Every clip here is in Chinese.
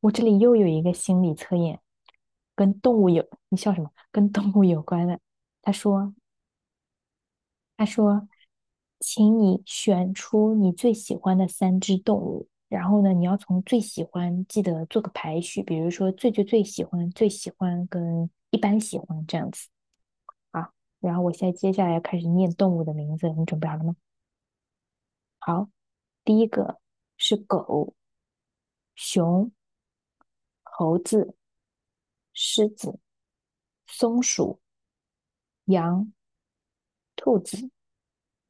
我这里又有一个心理测验，跟动物有，你笑什么？跟动物有关的。他说，他说，请你选出你最喜欢的三只动物，然后呢，你要从最喜欢记得做个排序，比如说最最最喜欢、最喜欢跟一般喜欢这样子啊。然后我现在接下来要开始念动物的名字，你准备好了吗？好，第一个是狗、熊、猴子、狮子、松鼠、羊。兔子、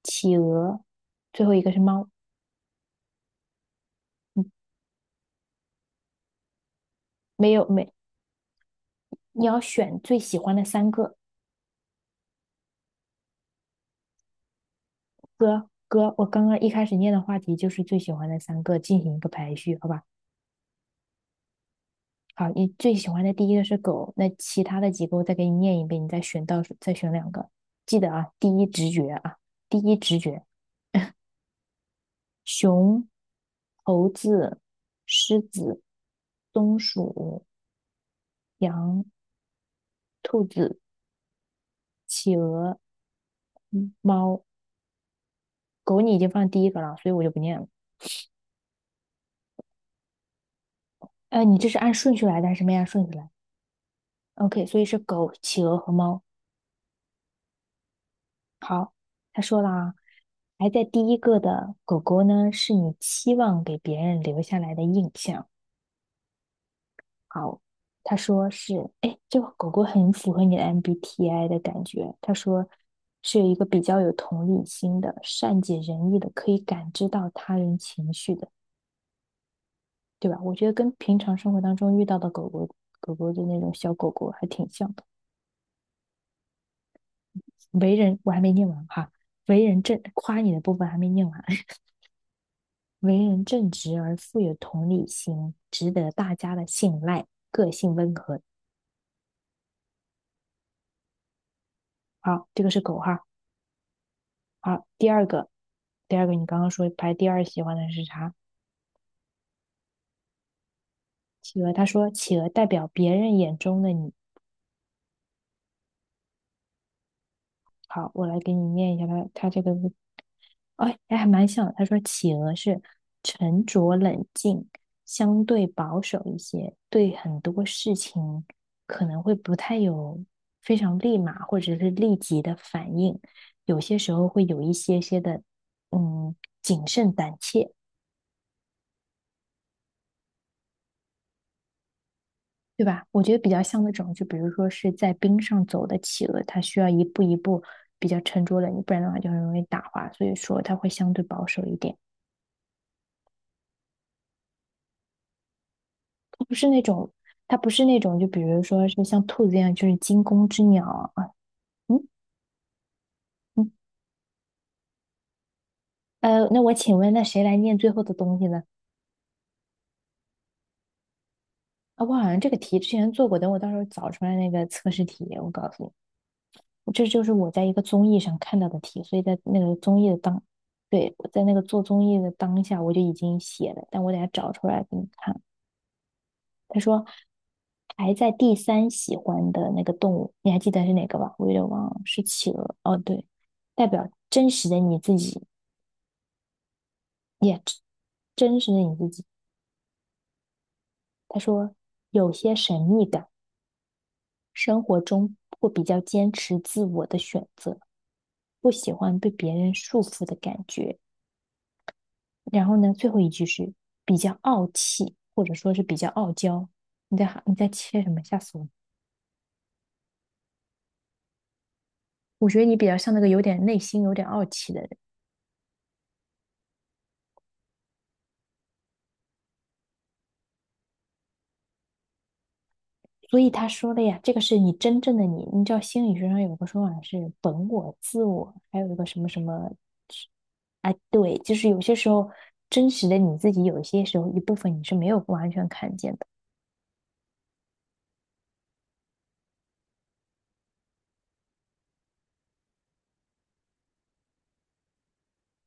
企鹅，最后一个是猫。嗯，没有没，你要选最喜欢的三个。哥哥，我刚刚一开始念的话题就是最喜欢的三个，进行一个排序，好吧？好，你最喜欢的第一个是狗，那其他的几个我再给你念一遍，你再选到再选两个，记得啊，第一直觉啊，第一直觉，熊、猴子、狮子、松鼠、羊、兔子、企鹅、猫。狗你已经放第一个了，所以我就不念了。你这是按顺序来的还是没按顺序来？OK，所以是狗、企鹅和猫。好，他说了啊，排在第一个的狗狗呢，是你期望给别人留下来的印象。好，他说是，哎，这个狗狗很符合你的 MBTI 的感觉。他说是有一个比较有同理心的、善解人意的，可以感知到他人情绪的，对吧？我觉得跟平常生活当中遇到的狗狗、狗狗的那种小狗狗还挺像。为人，我还没念完哈。为人正，夸你的部分还没念完。为人正直而富有同理心，值得大家的信赖，个性温和。好，这个是狗哈。好，第二个，你刚刚说排第二喜欢的是啥？企鹅，他说企鹅代表别人眼中的你，好，我来给你念一下他这个，哎，哎还蛮像的。他说企鹅是沉着冷静，相对保守一些，对很多事情可能会不太有非常立马或者是立即的反应，有些时候会有一些些的嗯谨慎胆怯，对吧？我觉得比较像那种，就比如说是在冰上走的企鹅，它需要一步一步比较沉着冷静，不然的话就很容易打滑，所以说它会相对保守一点。不是那种，它不是那种，就比如说是像兔子一样，就是惊弓之鸟啊。嗯嗯，那我请问，那谁来念最后的东西呢？啊，我好像这个题之前做过，等我到时候找出来那个测试题，我告诉你，这就是我在一个综艺上看到的题，所以在那个综艺的当，对，我在那个做综艺的当下，我就已经写了，但我等下找出来给你看。他说排在第三喜欢的那个动物，你还记得是哪个吧？我有点忘了，是企鹅。哦，对，代表真实的你自己，也真实的你自己。他说有些神秘感，生活中会比较坚持自我的选择，不喜欢被别人束缚的感觉。然后呢，最后一句是比较傲气，或者说是比较傲娇。你在切什么？吓死我了！我觉得你比较像那个有点内心有点傲气的人。所以他说的呀，这个是你真正的你。你知道心理学上有个说法是本我、自我，还有一个什么什么，哎，对，就是有些时候真实的你自己，有些时候一部分你是没有完全看见的。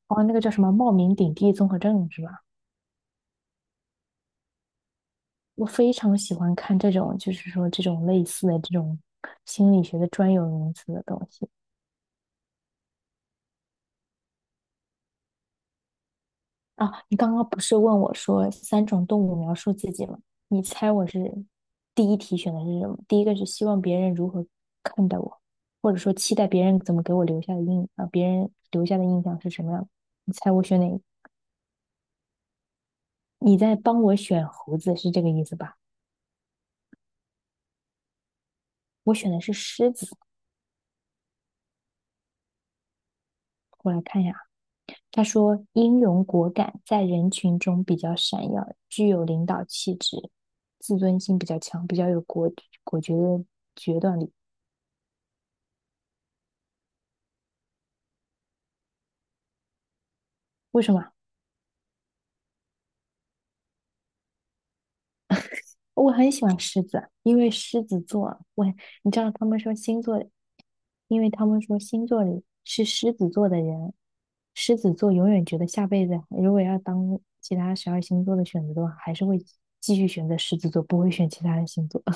哦，那个叫什么冒名顶替综合症是吧？我非常喜欢看这种，就是说这种类似的这种心理学的专有名词的东西。啊，你刚刚不是问我说三种动物描述自己吗？你猜我是第一题选的是什么？第一个是希望别人如何看待我，或者说期待别人怎么给我留下的印啊，别人留下的印象是什么样的？你猜我选哪一个？你在帮我选猴子是这个意思吧？我选的是狮子，我来看一下啊，他说英勇果敢，在人群中比较闪耀，具有领导气质，自尊心比较强，比较有果决的决断力。为什么啊？我很喜欢狮子，因为狮子座，我你知道他们说星座，因为他们说星座里是狮子座的人，狮子座永远觉得下辈子如果要当其他十二星座的选择的话，还是会继续选择狮子座，不会选其他的星座。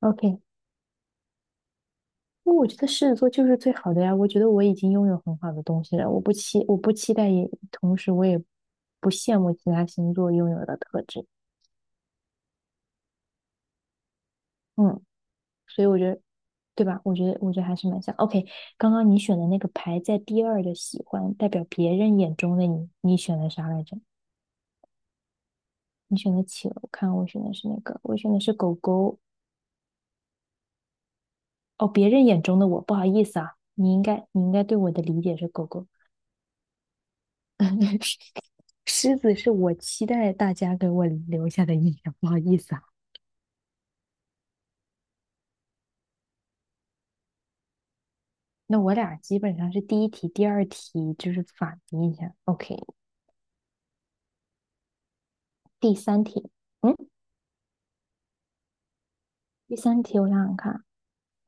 OK，因为我觉得狮子座就是最好的呀，我觉得我已经拥有很好的东西了，我不期待也，同时我也不羡慕其他星座拥有的特质。嗯。所以我觉得，对吧？我觉得还是蛮像。OK，刚刚你选的那个排在第二的喜欢，代表别人眼中的你，你选的啥来着？你选的企鹅，我看我选的是哪个，我选的是狗狗。哦，别人眼中的我，不好意思啊，你应该，你应该对我的理解是狗狗。狮子是我期待大家给我留下的印象，不好意思啊。那我俩基本上是第一题、第二题就是反的印象。OK，第三题，嗯，第三题我想想看。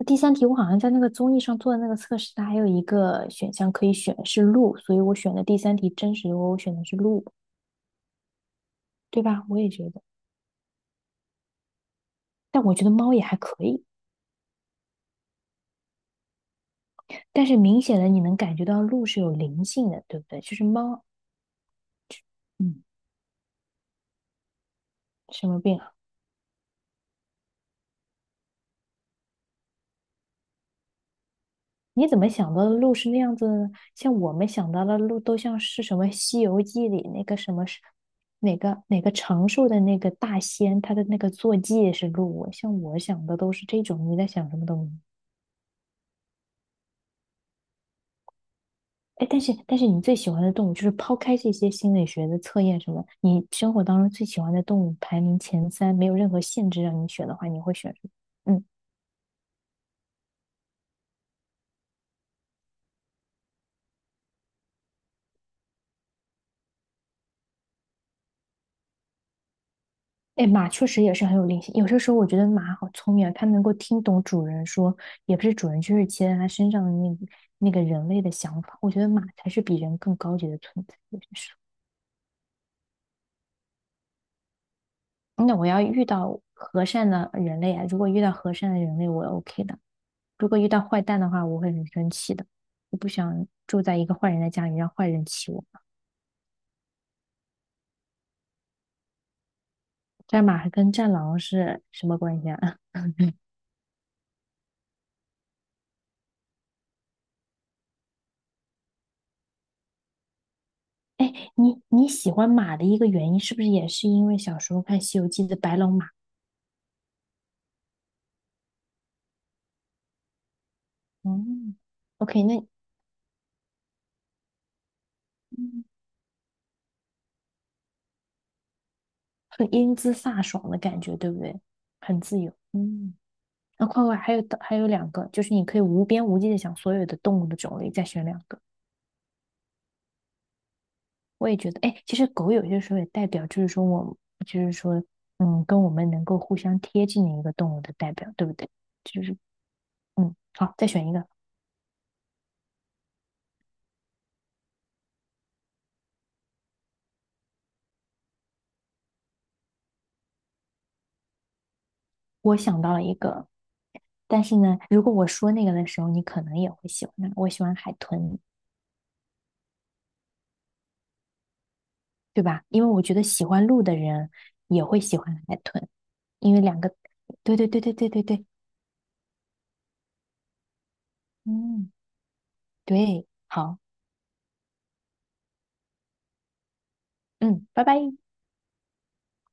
第三题，我好像在那个综艺上做的那个测试，它还有一个选项可以选是鹿，所以我选的第三题真实，的我选的是鹿，对吧？我也觉得，但我觉得猫也还可以，但是明显的你能感觉到鹿是有灵性的，对不对？就是猫，嗯，什么病啊？你怎么想到的鹿是那样子呢？像我们想到的鹿都像是什么《西游记》里那个什么是哪个长寿的那个大仙，他的那个坐骑也是鹿。像我想的都是这种，你在想什么东西？哎，但是你最喜欢的动物，就是抛开这些心理学的测验什么，你生活当中最喜欢的动物排名前三，没有任何限制让你选的话，你会选什么？嗯，哎，马确实也是很有灵性。有些时候我觉得马好聪明啊，它能够听懂主人说，也不是主人，就是骑在它身上的那个那个人类的想法。我觉得马才是比人更高级的存在。有些时候，那我要遇到和善的人类啊，如果遇到和善的人类，我 OK 的。如果遇到坏蛋的话，我会很生气的。我不想住在一个坏人的家里，让坏人欺我。战马跟战狼是什么关系啊？哎，你喜欢马的一个原因，是不是也是因为小时候看《西游记》的白龙马？嗯，OK，那嗯很英姿飒爽的感觉，对不对？很自由。嗯，那快快还有两个，就是你可以无边无际的想所有的动物的种类，再选两个。我也觉得，哎，其实狗有些时候也代表，就是说我，就是说，嗯，跟我们能够互相贴近的一个动物的代表，对不对？就是，嗯，好，再选一个。我想到了一个，但是呢，如果我说那个的时候，你可能也会喜欢它。我喜欢海豚，对吧？因为我觉得喜欢鹿的人也会喜欢海豚，因为两个，对对对对对对对，嗯，对，好，嗯，拜拜。